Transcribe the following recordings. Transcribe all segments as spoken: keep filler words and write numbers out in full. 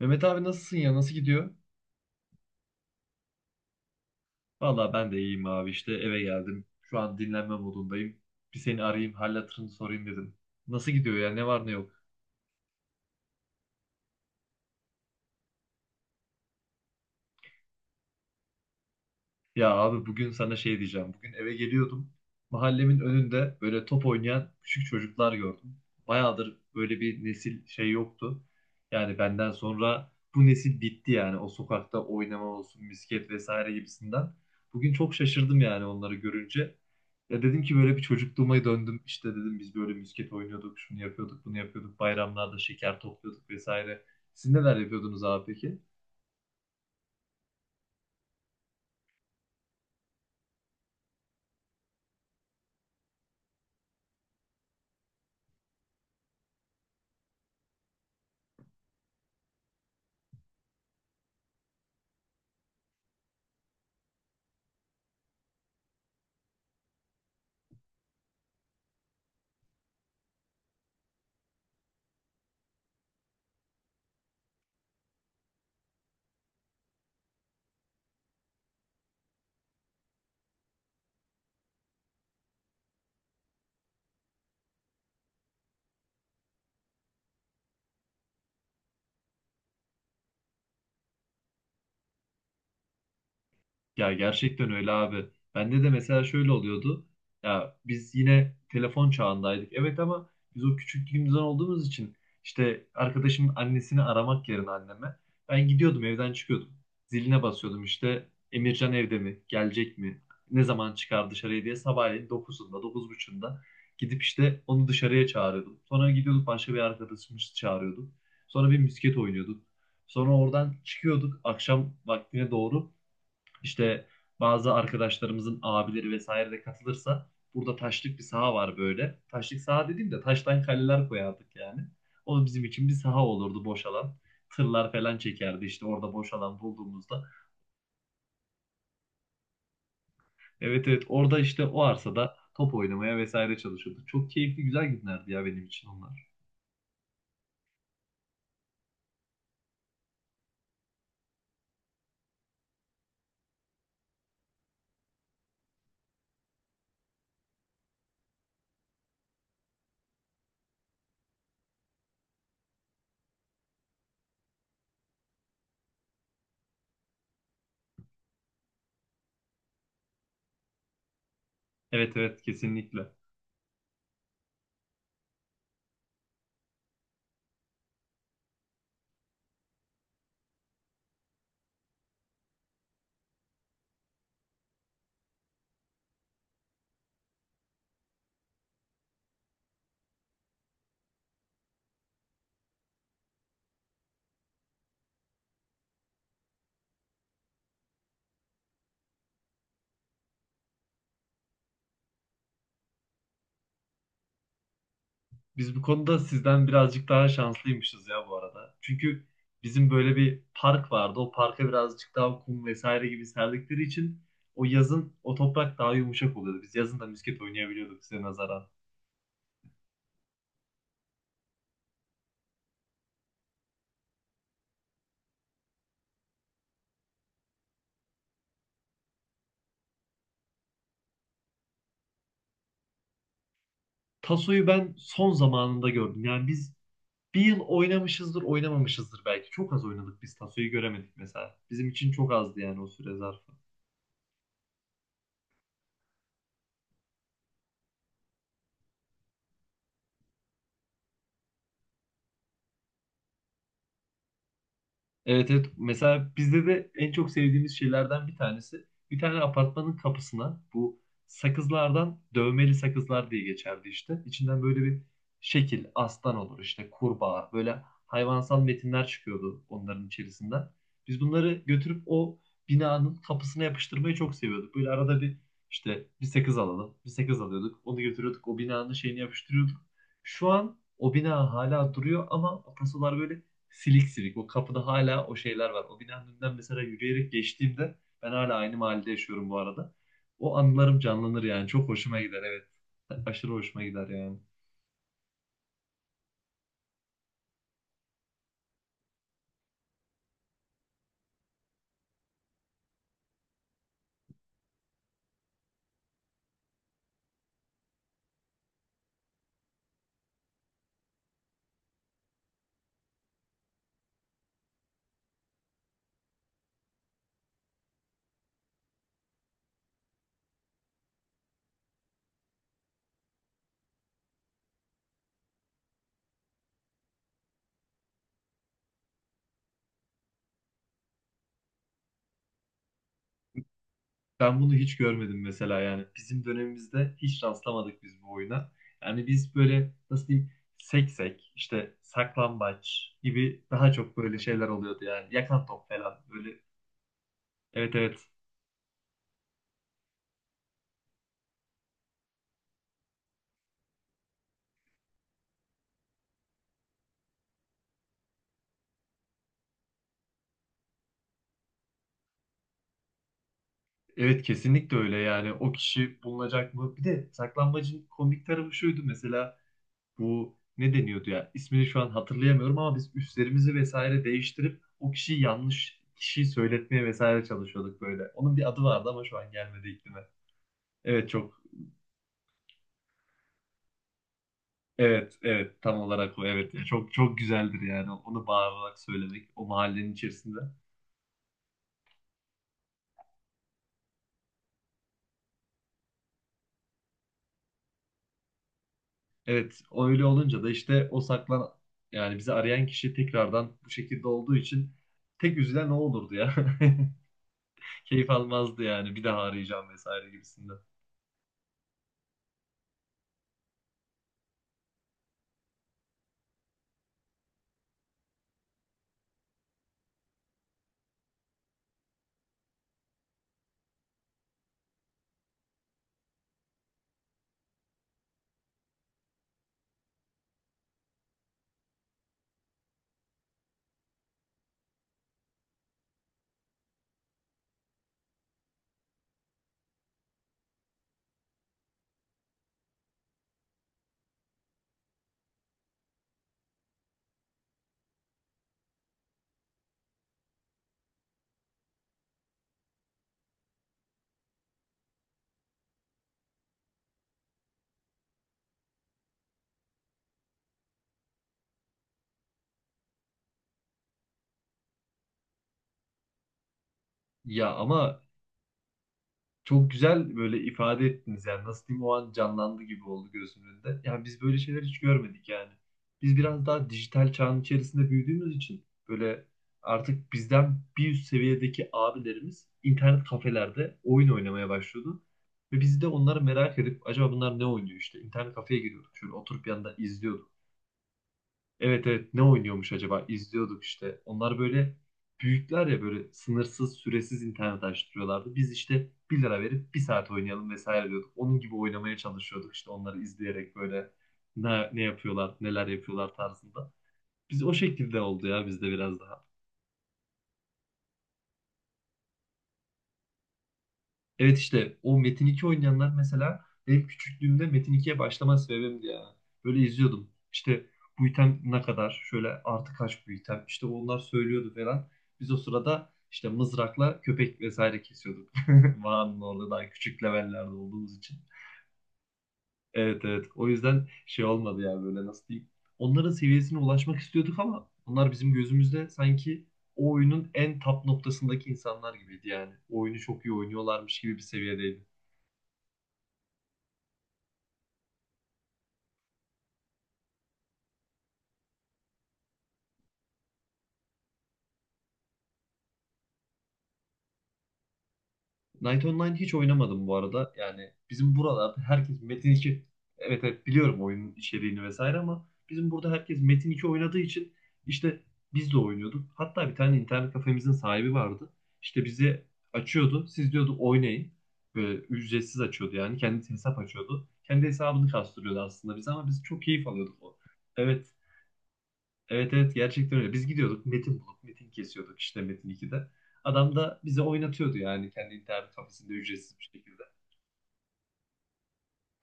Mehmet abi nasılsın ya? Nasıl gidiyor? Valla ben de iyiyim abi işte eve geldim. Şu an dinlenme modundayım. Bir seni arayayım, hal hatırını sorayım dedim. Nasıl gidiyor ya? Ne var ne yok? Ya abi bugün sana şey diyeceğim. Bugün eve geliyordum. Mahallemin önünde böyle top oynayan küçük çocuklar gördüm. Bayağıdır böyle bir nesil şey yoktu. Yani benden sonra bu nesil bitti yani. O sokakta oynama olsun, misket vesaire gibisinden. Bugün çok şaşırdım yani onları görünce. Ya dedim ki böyle bir çocukluğuma döndüm. İşte dedim biz böyle misket oynuyorduk, şunu yapıyorduk, bunu yapıyorduk. Bayramlarda şeker topluyorduk vesaire. Siz neler yapıyordunuz abi peki? Ya gerçekten öyle abi. Bende de mesela şöyle oluyordu. Ya biz yine telefon çağındaydık. Evet, ama biz o küçüklüğümüzden olduğumuz için işte arkadaşımın annesini aramak yerine anneme ben gidiyordum, evden çıkıyordum. Ziline basıyordum işte Emircan evde mi? Gelecek mi? Ne zaman çıkar dışarıya diye sabahleyin dokuzunda dokuz 9.30'da gidip işte onu dışarıya çağırıyordum. Sonra gidiyorduk başka bir arkadaşımı çağırıyorduk. Sonra bir misket oynuyorduk. Sonra oradan çıkıyorduk akşam vaktine doğru. İşte bazı arkadaşlarımızın abileri vesaire de katılırsa burada taşlık bir saha var böyle. Taşlık saha dediğim de taştan kaleler koyardık yani. O bizim için bir saha olurdu, boş alan. Tırlar falan çekerdi işte orada boş alan bulduğumuzda. Evet, evet, orada işte o arsada top oynamaya vesaire çalışıyorduk. Çok keyifli, güzel günlerdi ya benim için onlar. Evet, evet, kesinlikle. Biz bu konuda sizden birazcık daha şanslıymışız ya bu arada. Çünkü bizim böyle bir park vardı. O parka birazcık daha kum vesaire gibi serdikleri için o yazın o toprak daha yumuşak oluyordu. Biz yazın da misket oynayabiliyorduk size nazaran. Tasoyu ben son zamanında gördüm. Yani biz bir yıl oynamışızdır, oynamamışızdır belki. Çok az oynadık, biz Tasoyu göremedik mesela. Bizim için çok azdı yani o süre zarfı. Evet, evet. Mesela bizde de en çok sevdiğimiz şeylerden bir tanesi. Bir tane apartmanın kapısına bu sakızlardan, dövmeli sakızlar diye geçerdi işte. İçinden böyle bir şekil, aslan olur, işte kurbağa, böyle hayvansal metinler çıkıyordu onların içerisinden. Biz bunları götürüp o binanın kapısına yapıştırmayı çok seviyorduk. Böyle arada bir işte bir sakız alalım, bir sakız alıyorduk. Onu götürüyorduk, o binanın şeyini yapıştırıyorduk. Şu an o bina hala duruyor ama o tasolar böyle silik silik. O kapıda hala o şeyler var. O binanın önünden mesela yürüyerek geçtiğimde, ben hala aynı mahallede yaşıyorum bu arada, o anılarım canlanır yani. Çok hoşuma gider, evet. Aşırı hoşuma gider yani. Ben bunu hiç görmedim mesela yani. Bizim dönemimizde hiç rastlamadık biz bu oyuna. Yani biz böyle nasıl diyeyim, seksek işte, saklambaç gibi daha çok böyle şeyler oluyordu yani. Yakan top falan böyle. Evet, evet. Evet, kesinlikle öyle yani. O kişi bulunacak mı? Bir de saklambacın komik tarafı şuydu mesela. Bu ne deniyordu ya? İsmini şu an hatırlayamıyorum ama biz üstlerimizi vesaire değiştirip o kişiyi, yanlış kişiyi söyletmeye vesaire çalışıyorduk böyle. Onun bir adı vardı ama şu an gelmedi aklıma. Evet çok evet, evet, tam olarak o, evet. Ya çok çok güzeldir yani onu bağırarak söylemek o mahallenin içerisinde. Evet, o öyle olunca da işte o saklan yani bizi arayan kişi tekrardan bu şekilde olduğu için tek üzülen o olurdu ya. Keyif almazdı yani, bir daha arayacağım vesaire gibisinden. Ya ama Çok güzel böyle ifade ettiniz yani, nasıl diyeyim, o an canlandı gibi oldu gözümün önünde. Yani biz böyle şeyler hiç görmedik yani. Biz biraz daha dijital çağın içerisinde büyüdüğümüz için böyle artık bizden bir üst seviyedeki abilerimiz internet kafelerde oyun oynamaya başlıyordu. Ve biz de onları merak edip acaba bunlar ne oynuyor işte, internet kafeye giriyorduk, şöyle oturup yanında izliyorduk. Evet, evet, ne oynuyormuş acaba? İzliyorduk işte. Onlar böyle büyükler ya, böyle sınırsız süresiz internet açtırıyorlardı. Biz işte 1 lira verip bir saat oynayalım vesaire diyorduk. Onun gibi oynamaya çalışıyorduk işte onları izleyerek böyle ne, ne yapıyorlar, neler yapıyorlar tarzında. Biz o şekilde oldu ya, bizde biraz daha. Evet, işte o Metin iki oynayanlar mesela benim küçüklüğümde Metin ikiye başlama sebebimdi ya. Böyle izliyordum. İşte bu item ne kadar? Şöyle artı kaç bu item? İşte onlar söylüyordu falan. Biz o sırada işte mızrakla köpek vesaire kesiyorduk. Mağaranın orada daha küçük levellerde olduğumuz için. Evet, evet. O yüzden şey olmadı ya, böyle nasıl diyeyim. Onların seviyesine ulaşmak istiyorduk ama onlar bizim gözümüzde sanki o oyunun en top noktasındaki insanlar gibiydi yani. O oyunu çok iyi oynuyorlarmış gibi bir seviyedeydi. Knight Online hiç oynamadım bu arada. Yani bizim buralarda herkes Metin iki, evet, evet, biliyorum oyunun içeriğini vesaire ama bizim burada herkes Metin iki oynadığı için işte biz de oynuyorduk. Hatta bir tane internet kafemizin sahibi vardı. İşte bizi açıyordu. Siz diyordu oynayın. Böyle ücretsiz açıyordu yani. Kendi hesap açıyordu. Kendi hesabını kastırıyordu aslında bize, ama biz çok keyif alıyorduk o. Evet. Evet, evet, gerçekten öyle. Biz gidiyorduk metin bulup metin kesiyorduk işte Metin ikide. Adam da bize oynatıyordu yani kendi internet kafesinde ücretsiz bir şekilde.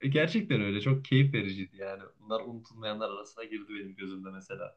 E, gerçekten öyle, çok keyif vericiydi yani. Bunlar unutulmayanlar arasına girdi benim gözümde mesela.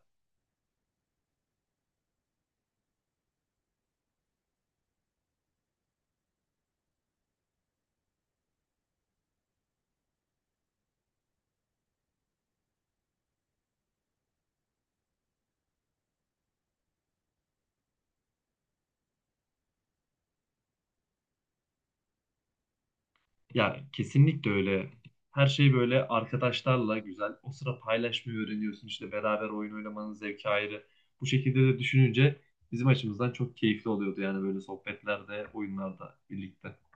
Ya kesinlikle öyle. Her şey böyle arkadaşlarla güzel. O sıra paylaşmayı öğreniyorsun işte, beraber oyun oynamanın zevki ayrı. Bu şekilde de düşününce bizim açımızdan çok keyifli oluyordu yani, böyle sohbetlerde, oyunlarda birlikte.